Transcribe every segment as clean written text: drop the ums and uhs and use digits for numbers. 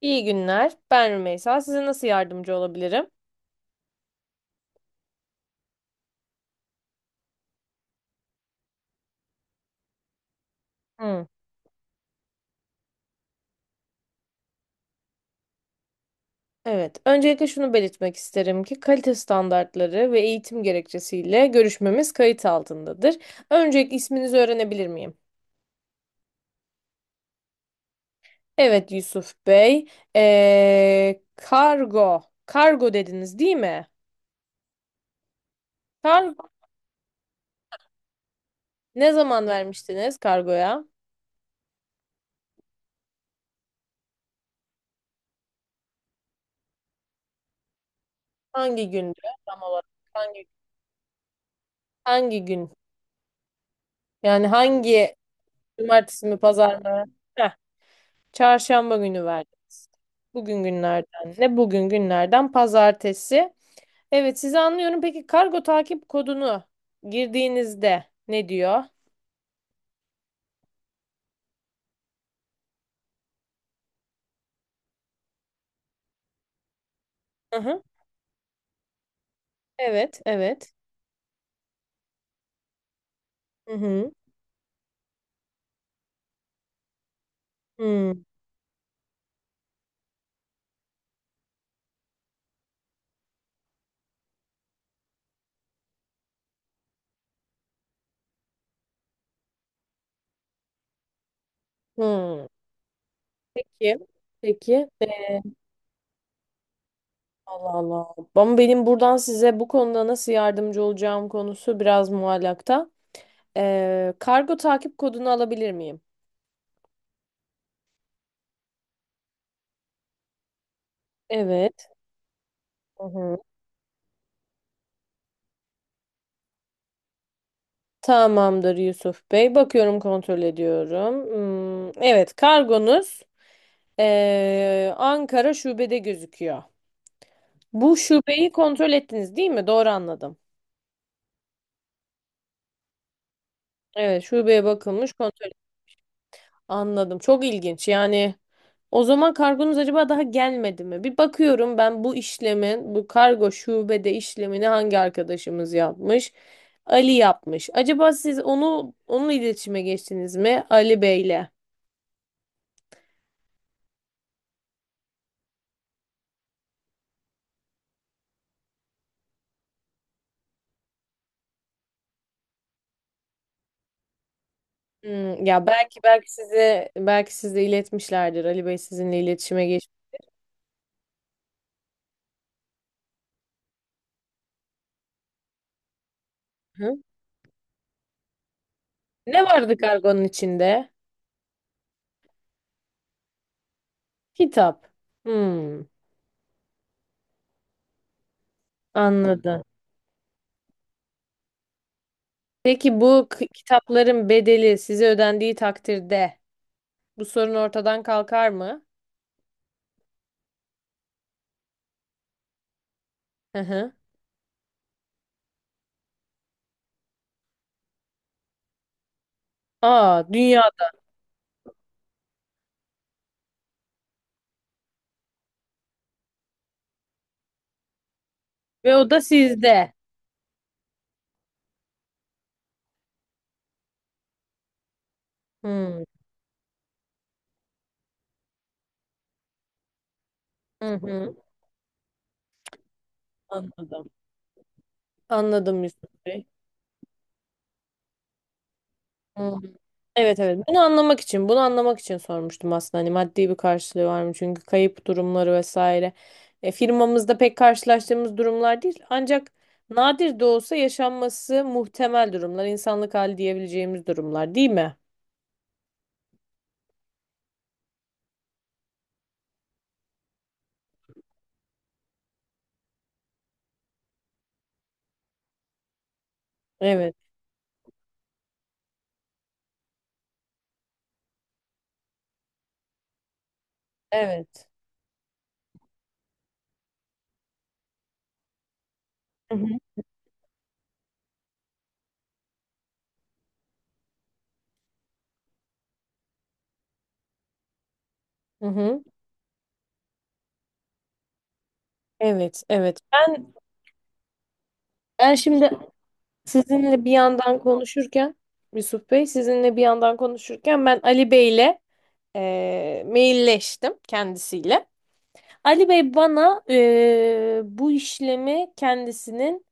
İyi günler. Ben Rümeysa. Size nasıl yardımcı olabilirim? Hı. Evet. Öncelikle şunu belirtmek isterim ki kalite standartları ve eğitim gerekçesiyle görüşmemiz kayıt altındadır. Öncelikle isminizi öğrenebilir miyim? Evet Yusuf Bey. Kargo. Kargo dediniz değil mi? Kargo. Ne zaman vermiştiniz kargoya? Hangi gündü tam olarak? Hangi, hangi gün? Yani hangi, cumartesi mi pazar mı? Çarşamba günü verdiniz. Bugün günlerden ne? Bugün günlerden pazartesi. Evet sizi anlıyorum. Peki kargo takip kodunu girdiğinizde ne diyor? Hı hı. Evet, evet. Hı hı. Hı hı. Peki. Peki. Allah Allah. Ama benim buradan size bu konuda nasıl yardımcı olacağım konusu biraz muallakta. Kargo takip kodunu alabilir miyim? Evet. Hı hı. Tamamdır Yusuf Bey. Bakıyorum kontrol ediyorum. Hmm, evet kargonuz Ankara şubede gözüküyor. Bu şubeyi kontrol ettiniz değil mi? Doğru anladım. Evet şubeye bakılmış kontrol. Anladım. Çok ilginç. Yani o zaman kargonuz acaba daha gelmedi mi? Bir bakıyorum ben bu işlemin, bu kargo şubede işlemini hangi arkadaşımız yapmış? Ali yapmış. Acaba siz onu, onunla iletişime geçtiniz mi Ali Bey'le? Hmm, ya belki size, belki size iletmişlerdir. Ali Bey sizinle iletişime geçti. Hı? Ne vardı kargonun içinde? Kitap. Hmm, anladım. Peki bu kitapların bedeli size ödendiği takdirde bu sorun ortadan kalkar mı? Hı hı. Aa, dünyada ve o da sizde. Hmm. Hı hı. Anladım. Anladım Yusuf Bey. Hı. Evet evet. Bunu anlamak için sormuştum aslında. Hani maddi bir karşılığı var mı? Çünkü kayıp durumları vesaire. E, firmamızda pek karşılaştığımız durumlar değil. Ancak nadir de olsa yaşanması muhtemel durumlar, insanlık hali diyebileceğimiz durumlar, değil mi? Evet, evet. Hı hı. Hı hı. Evet, evet. Ben şimdi sizinle bir yandan konuşurken, Yusuf Bey sizinle bir yandan konuşurken ben Ali Bey'le mailleştim kendisiyle. Ali Bey bana bu işlemi kendisinin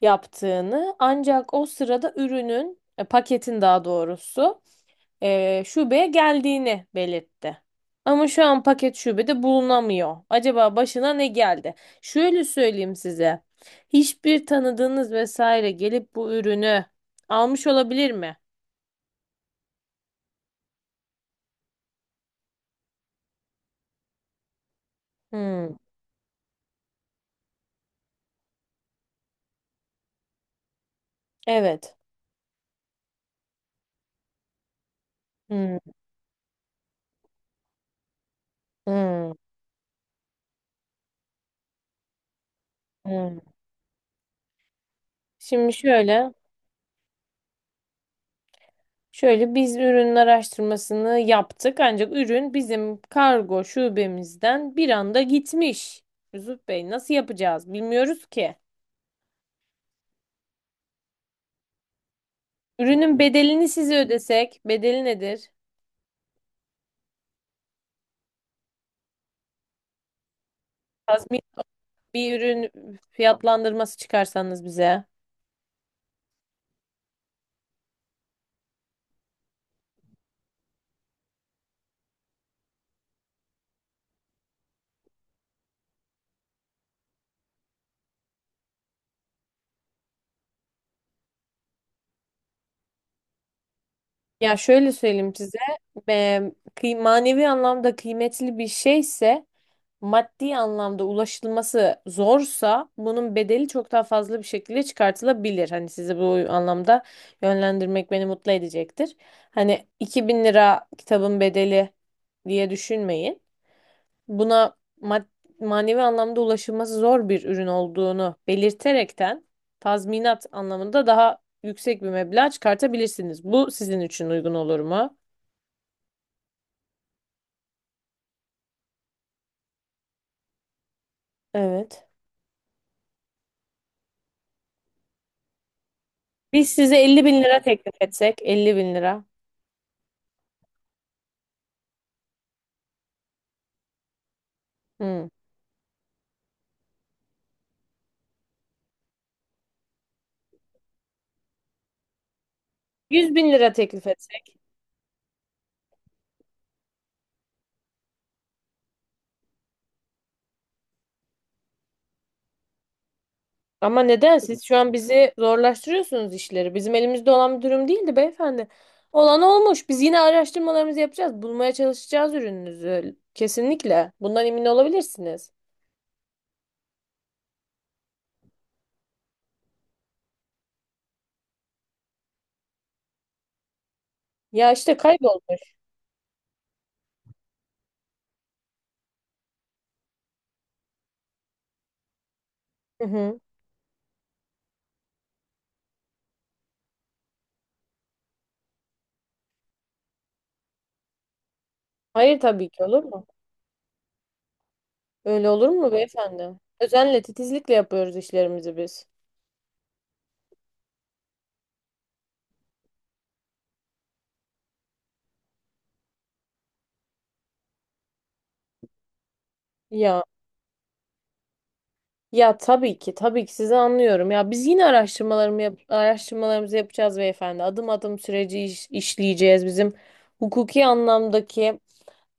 yaptığını, ancak o sırada ürünün, paketin daha doğrusu şubeye geldiğini belirtti. Ama şu an paket şubede bulunamıyor. Acaba başına ne geldi? Şöyle söyleyeyim size. Hiçbir tanıdığınız vesaire gelip bu ürünü almış olabilir mi? Hmm, evet. Hmm, hmm, hmm. Şimdi şöyle. Şöyle biz ürün araştırmasını yaptık ancak ürün bizim kargo şubemizden bir anda gitmiş. Yusuf Bey nasıl yapacağız bilmiyoruz ki. Ürünün bedelini size ödesek, bedeli nedir? Tazmin, bir ürün fiyatlandırması çıkarsanız bize. Ya şöyle söyleyeyim size, e, manevi anlamda kıymetli bir şeyse, maddi anlamda ulaşılması zorsa bunun bedeli çok daha fazla bir şekilde çıkartılabilir. Hani sizi bu anlamda yönlendirmek beni mutlu edecektir. Hani 2000 lira kitabın bedeli diye düşünmeyin. Buna manevi anlamda ulaşılması zor bir ürün olduğunu belirterekten tazminat anlamında daha yüksek bir meblağ çıkartabilirsiniz. Bu sizin için uygun olur mu? Evet. Biz size 50 bin lira teklif etsek, 50 bin lira. Hmm. 100 bin lira teklif etsek. Ama neden siz şu an bizi zorlaştırıyorsunuz işleri? Bizim elimizde olan bir durum değildi beyefendi. Olan olmuş. Biz yine araştırmalarımızı yapacağız. Bulmaya çalışacağız ürününüzü. Kesinlikle. Bundan emin olabilirsiniz. Ya işte kaybolmuş. Hı hı. Hayır tabii ki, olur mu? Öyle olur mu beyefendi? Özenle, titizlikle yapıyoruz işlerimizi biz. Ya. Ya tabii ki, tabii ki sizi anlıyorum. Ya biz yine araştırmalarımızı yapacağız beyefendi. Adım adım süreci işleyeceğiz. Bizim hukuki anlamdaki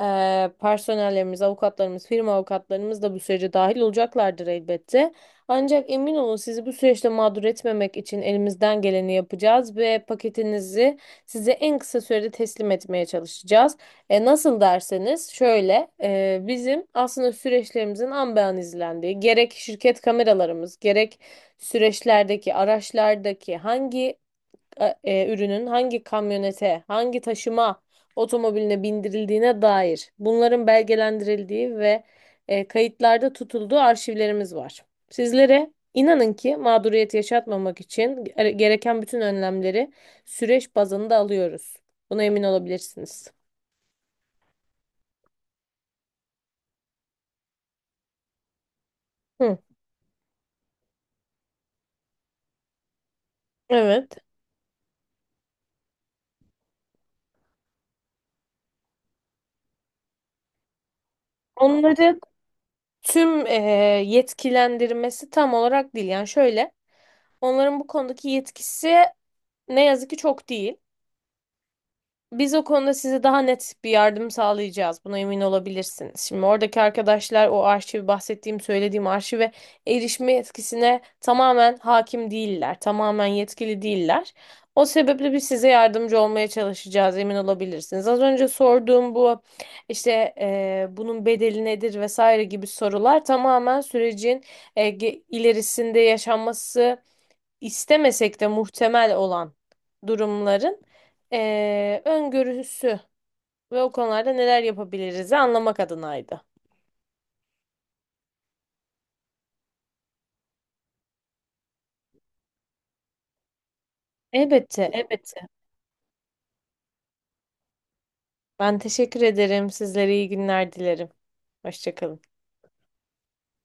Personellerimiz, avukatlarımız, firma avukatlarımız da bu sürece dahil olacaklardır elbette. Ancak emin olun sizi bu süreçte mağdur etmemek için elimizden geleni yapacağız ve paketinizi size en kısa sürede teslim etmeye çalışacağız. E, nasıl derseniz şöyle, bizim aslında süreçlerimizin an be an izlendiği gerek şirket kameralarımız, gerek süreçlerdeki araçlardaki hangi ürünün hangi kamyonete, hangi taşıma otomobiline bindirildiğine dair bunların belgelendirildiği ve kayıtlarda tutulduğu arşivlerimiz var. Sizlere inanın ki mağduriyet yaşatmamak için gereken bütün önlemleri süreç bazında alıyoruz. Buna emin olabilirsiniz. Hı, evet. Onları, tüm yetkilendirmesi tam olarak değil. Yani şöyle, onların bu konudaki yetkisi ne yazık ki çok değil. Biz o konuda size daha net bir yardım sağlayacağız. Buna emin olabilirsiniz. Şimdi oradaki arkadaşlar o arşivi, bahsettiğim, söylediğim arşive erişme yetkisine tamamen hakim değiller. Tamamen yetkili değiller. O sebeple biz size yardımcı olmaya çalışacağız, emin olabilirsiniz. Az önce sorduğum bu işte bunun bedeli nedir vesaire gibi sorular tamamen sürecin ilerisinde yaşanması istemesek de muhtemel olan durumların öngörüsü ve o konularda neler yapabiliriz anlamak adınaydı. Elbette, elbette. Ben teşekkür ederim. Sizlere iyi günler dilerim. Hoşça kalın.